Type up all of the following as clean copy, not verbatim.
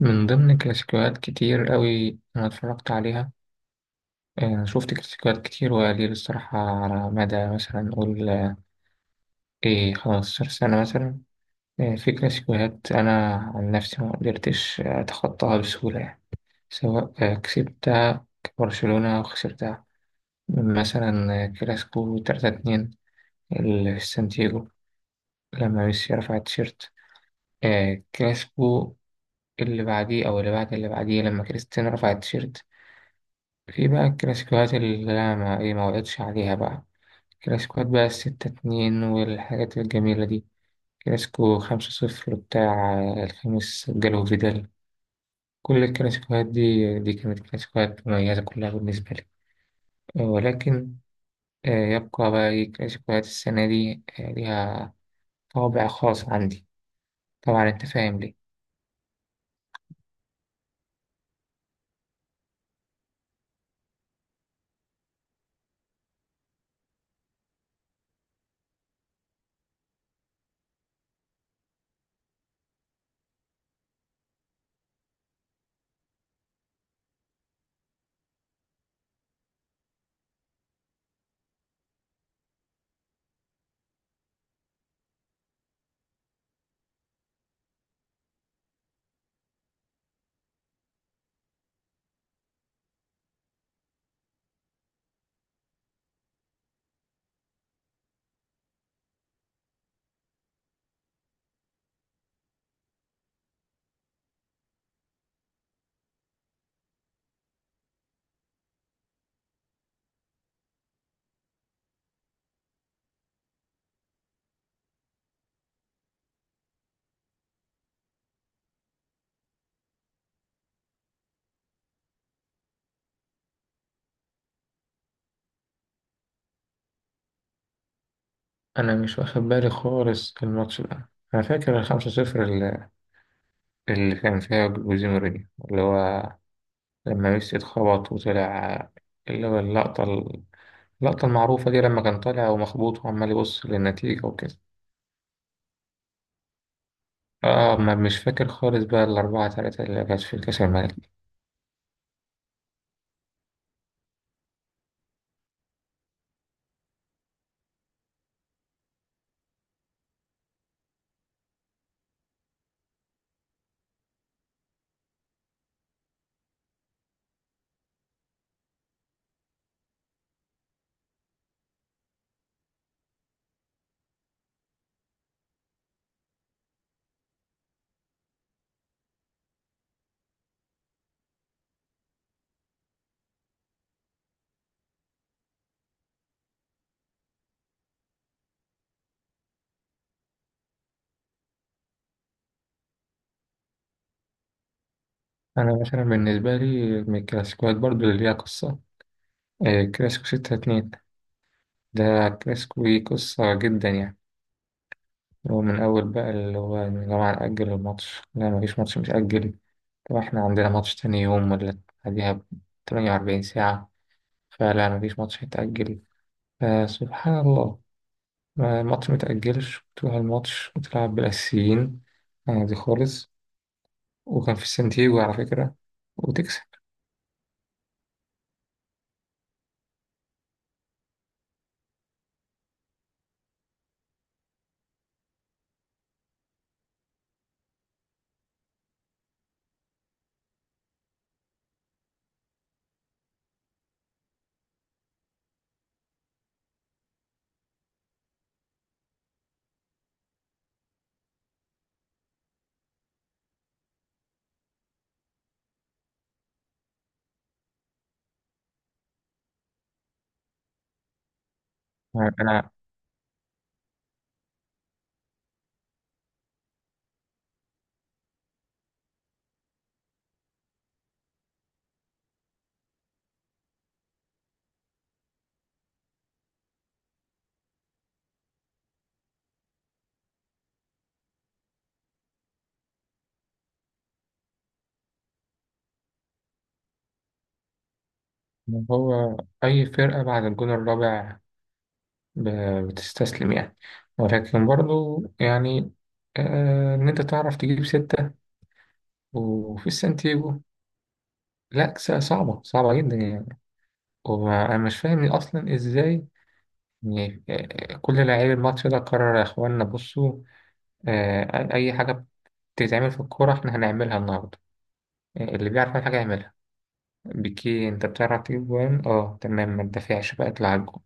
من ضمن كلاسيكوهات كتير قوي أنا اتفرجت عليها. شفت كلاسيكوهات كتير وقليل الصراحة على مدى مثلا نقول إيه 15 سنة مثلا. في كلاسيكوهات أنا عن نفسي ما قدرتش أتخطاها بسهولة يعني، سواء كسبتها برشلونة أو خسرتها، مثلا كلاسيكو 3-2 اللي في سانتياجو لما ميسي رفع التيشيرت. كلاسيكو اللي بعديه أو اللي بعد اللي بعديه لما كريستيانو رفع التيشيرت. في بقى الكلاسيكوهات اللي أنا ما وقتش عليها بقى، كلاسيكوهات بقى الـ6-2 والحاجات الجميلة دي، كلاسيكو 5-0 بتاع الخميس جالو فيدال. كل الكلاسيكوهات دي كانت كلاسيكوهات مميزة كلها بالنسبة لي، ولكن آه، يبقى بقى إيه كلاسيكوهات السنة دي ليها طابع خاص عندي، طبعا أنت فاهم ليه. أنا مش واخد بالي خالص الماتش ده، أنا فاكر الـ5-0 اللي كان فيها جوزيه مورينيو، اللي هو لما ميسي اتخبط وطلع، اللي هو اللقطة، اللقطة المعروفة دي لما كان طالع ومخبوط وعمال يبص للنتيجة وكده. اه، ما مش فاكر خالص بقى الـ4-3 اللي كانت في كأس الملك. أنا مثلا بالنسبة لي من الكلاسيكوات برضو اللي ليها قصة، كلاسيكو 6-2 ده كلاسيكو ليه قصة جدا يعني. هو من أول بقى اللي هو يا جماعة نأجل الماتش، لا مفيش ماتش متأجل، طب احنا عندنا ماتش تاني يوم ولا بعديها بـ48 ساعة، فلا مفيش ماتش هيتأجل. فسبحان الله، الماتش متأجلش وتروح الماتش وتلعب بالأساسيين عادي خالص، وكان في سانتياغو على فكرة، وتكسب. أنا، هو أي فرقة بعد الجون الرابع بتستسلم يعني، ولكن برضو يعني إن أنت تعرف تجيب ستة وفي السانتياغو، لا صعبة صعبة جدا يعني، وأنا مش فاهم أصلا إزاي. يعني كل لاعبي الماتش ده قرر يا إخوانا بصوا، أي حاجة بتتعمل في الكورة إحنا هنعملها النهاردة، اللي بيعرف يعمل حاجة يعملها، بيكي أنت بتعرف تجيب جوان؟ أه تمام، ما تدافعش بقى، اطلع على الجون.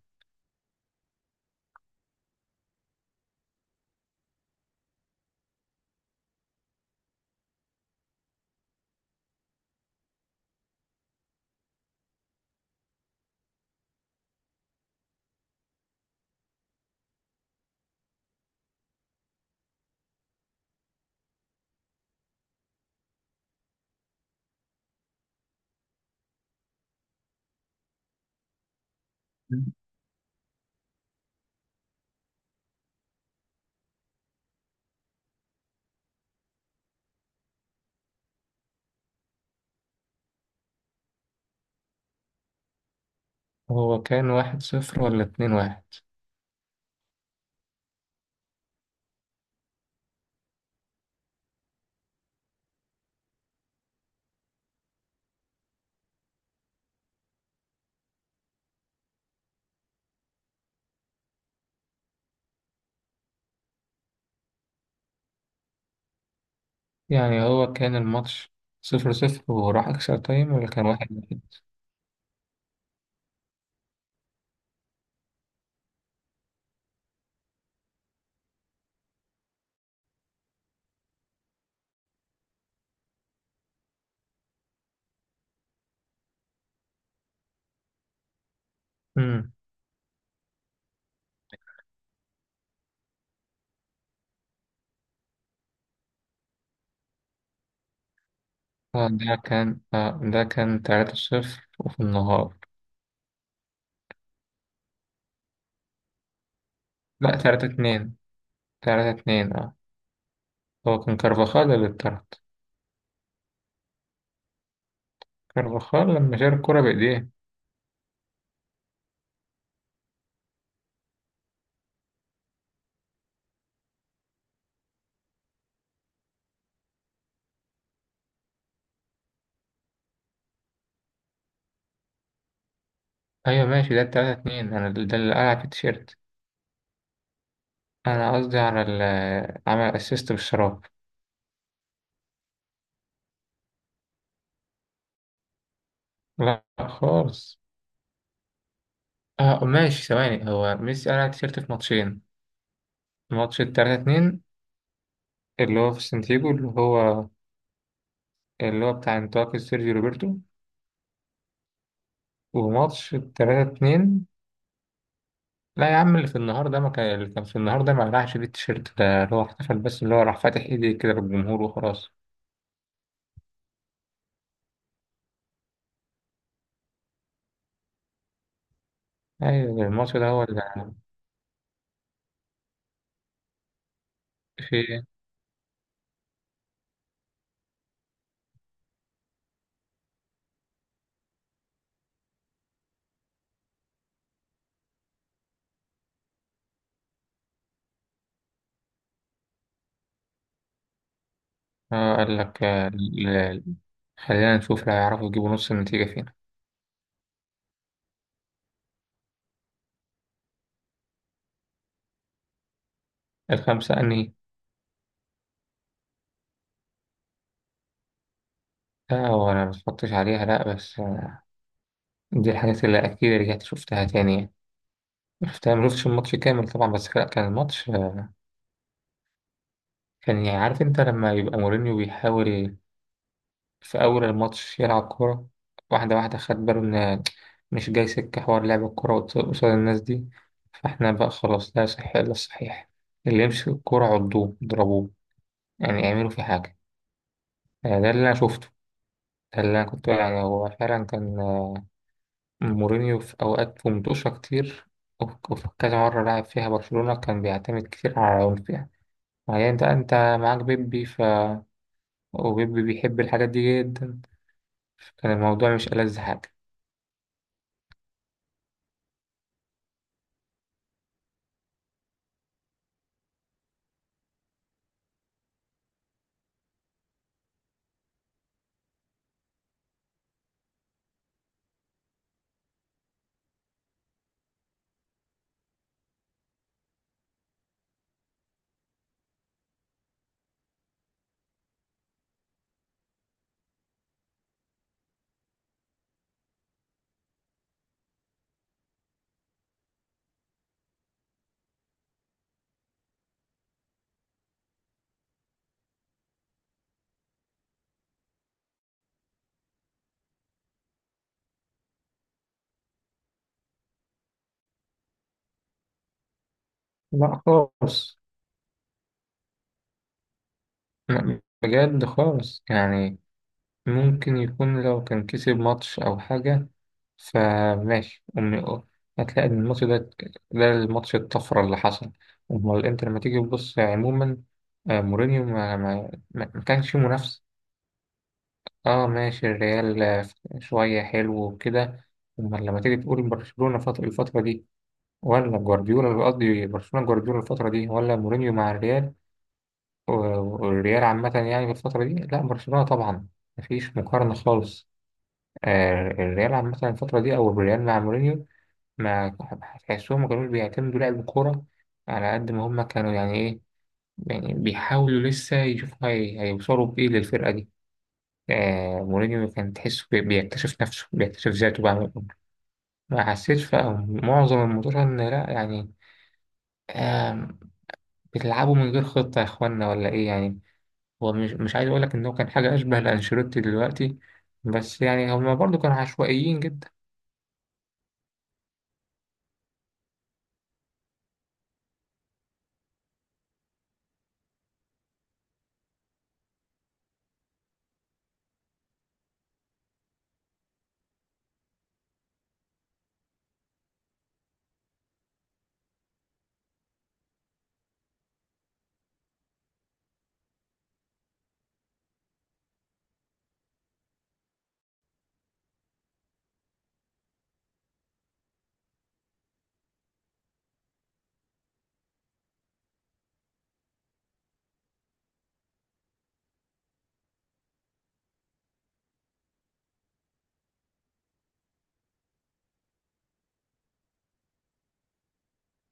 هو كان 1-0 ولا 2-1؟ يعني هو كان الماتش 0-0 وراح اكسترا تايم ولا كان 1-1؟ امم. ده كان 3-0 وفي النهار. لا 3-2، 3-2 اه. هو كان كارفاخال اللي اتطرد، كارفاخال لما شال الكرة بإيديه. ايوه ماشي، ده الـ3-2، انا ده اللي قلع في التيشيرت، انا قصدي على ال عمل اسيست بالشراب. لا خالص. اه ماشي، ثواني، هو ميسي قلع التيشيرت في ماتشين: ماتش الـ3-2 اللي هو في سانتياجو، اللي هو بتاع انتقال سيرجيو روبرتو، وماتش الـ3-2. لا يا عم، اللي في النهار ده ما كان، اللي كان في النهار ده ما قلعش فيه التيشيرت، ده اللي هو احتفل بس، اللي هو راح فاتح ايديه كده للجمهور وخلاص. ايوه الماتش ده هو اللي فيه. اه قال لك خلينا نشوف لو يعرفوا يجيبوا نص النتيجة فينا. الخمسة أنهي؟ لا هو أنا متفرجتش عليها لأ، بس دي الحاجات اللي أكيد رجعت شفتها تاني يعني، شفتها مشفتش الماتش كامل طبعا، بس كان الماتش كان يعني، عارف أنت لما يبقى مورينيو بيحاول في أول الماتش يلعب كورة واحدة واحدة، خد باله إن مش جاي سكة حوار، لعب الكورة قصاد الناس دي، فإحنا بقى خلاص لا صح إلا الصحيح، اللي يمسك الكورة عضوه اضربوه، يعني اعملوا فيه حاجة. ده اللي أنا شفته، ده اللي أنا كنت يعني، هو فعلا كان مورينيو في أوقات في منتوشة كتير، وفي كذا مرة لعب فيها برشلونة كان بيعتمد كتير على العنف يعني، يعني أنت معاك بيبي، ف وبيبي بيحب الحاجات دي جدا، كان الموضوع مش ألذ حاجة. لا خالص، لا بجد خالص يعني، ممكن يكون لو كان كسب ماتش أو حاجة فماشي، هتلاقي إن الماتش ده، ده الماتش الطفرة اللي حصل. أمال أنت لما تيجي تبص عموما، مورينيو ما كانش فيه منافسة. اه ماشي، الريال شوية حلو وكده، أما لما تيجي تقول برشلونة الفترة دي، ولا جوارديولا، قصدي برشلونة جوارديولا الفترة دي ولا مورينيو مع الريال، و- والريال عامة يعني في الفترة دي، لا برشلونة طبعا، مفيش مقارنة خالص. آه الريال عامة الفترة دي، أو الريال مع مورينيو، ما تحسهم ما كانوش بيعتمدوا لعب الكورة على قد ما هما كانوا يعني إيه، يعني بيحاولوا لسه يشوفوا هيوصلوا بإيه للفرقة دي. آه مورينيو كان تحسه بيكتشف نفسه، بيكتشف ذاته بقى من الأول. ما حسيتش بقى معظم الموضوع ان لا يعني، آه بتلعبوا من غير خطة يا اخوانا ولا ايه يعني، هو مش عايز اقول لك ان هو كان حاجة اشبه لانشيلوتي دلوقتي، بس يعني هما برضو كانوا عشوائيين جدا.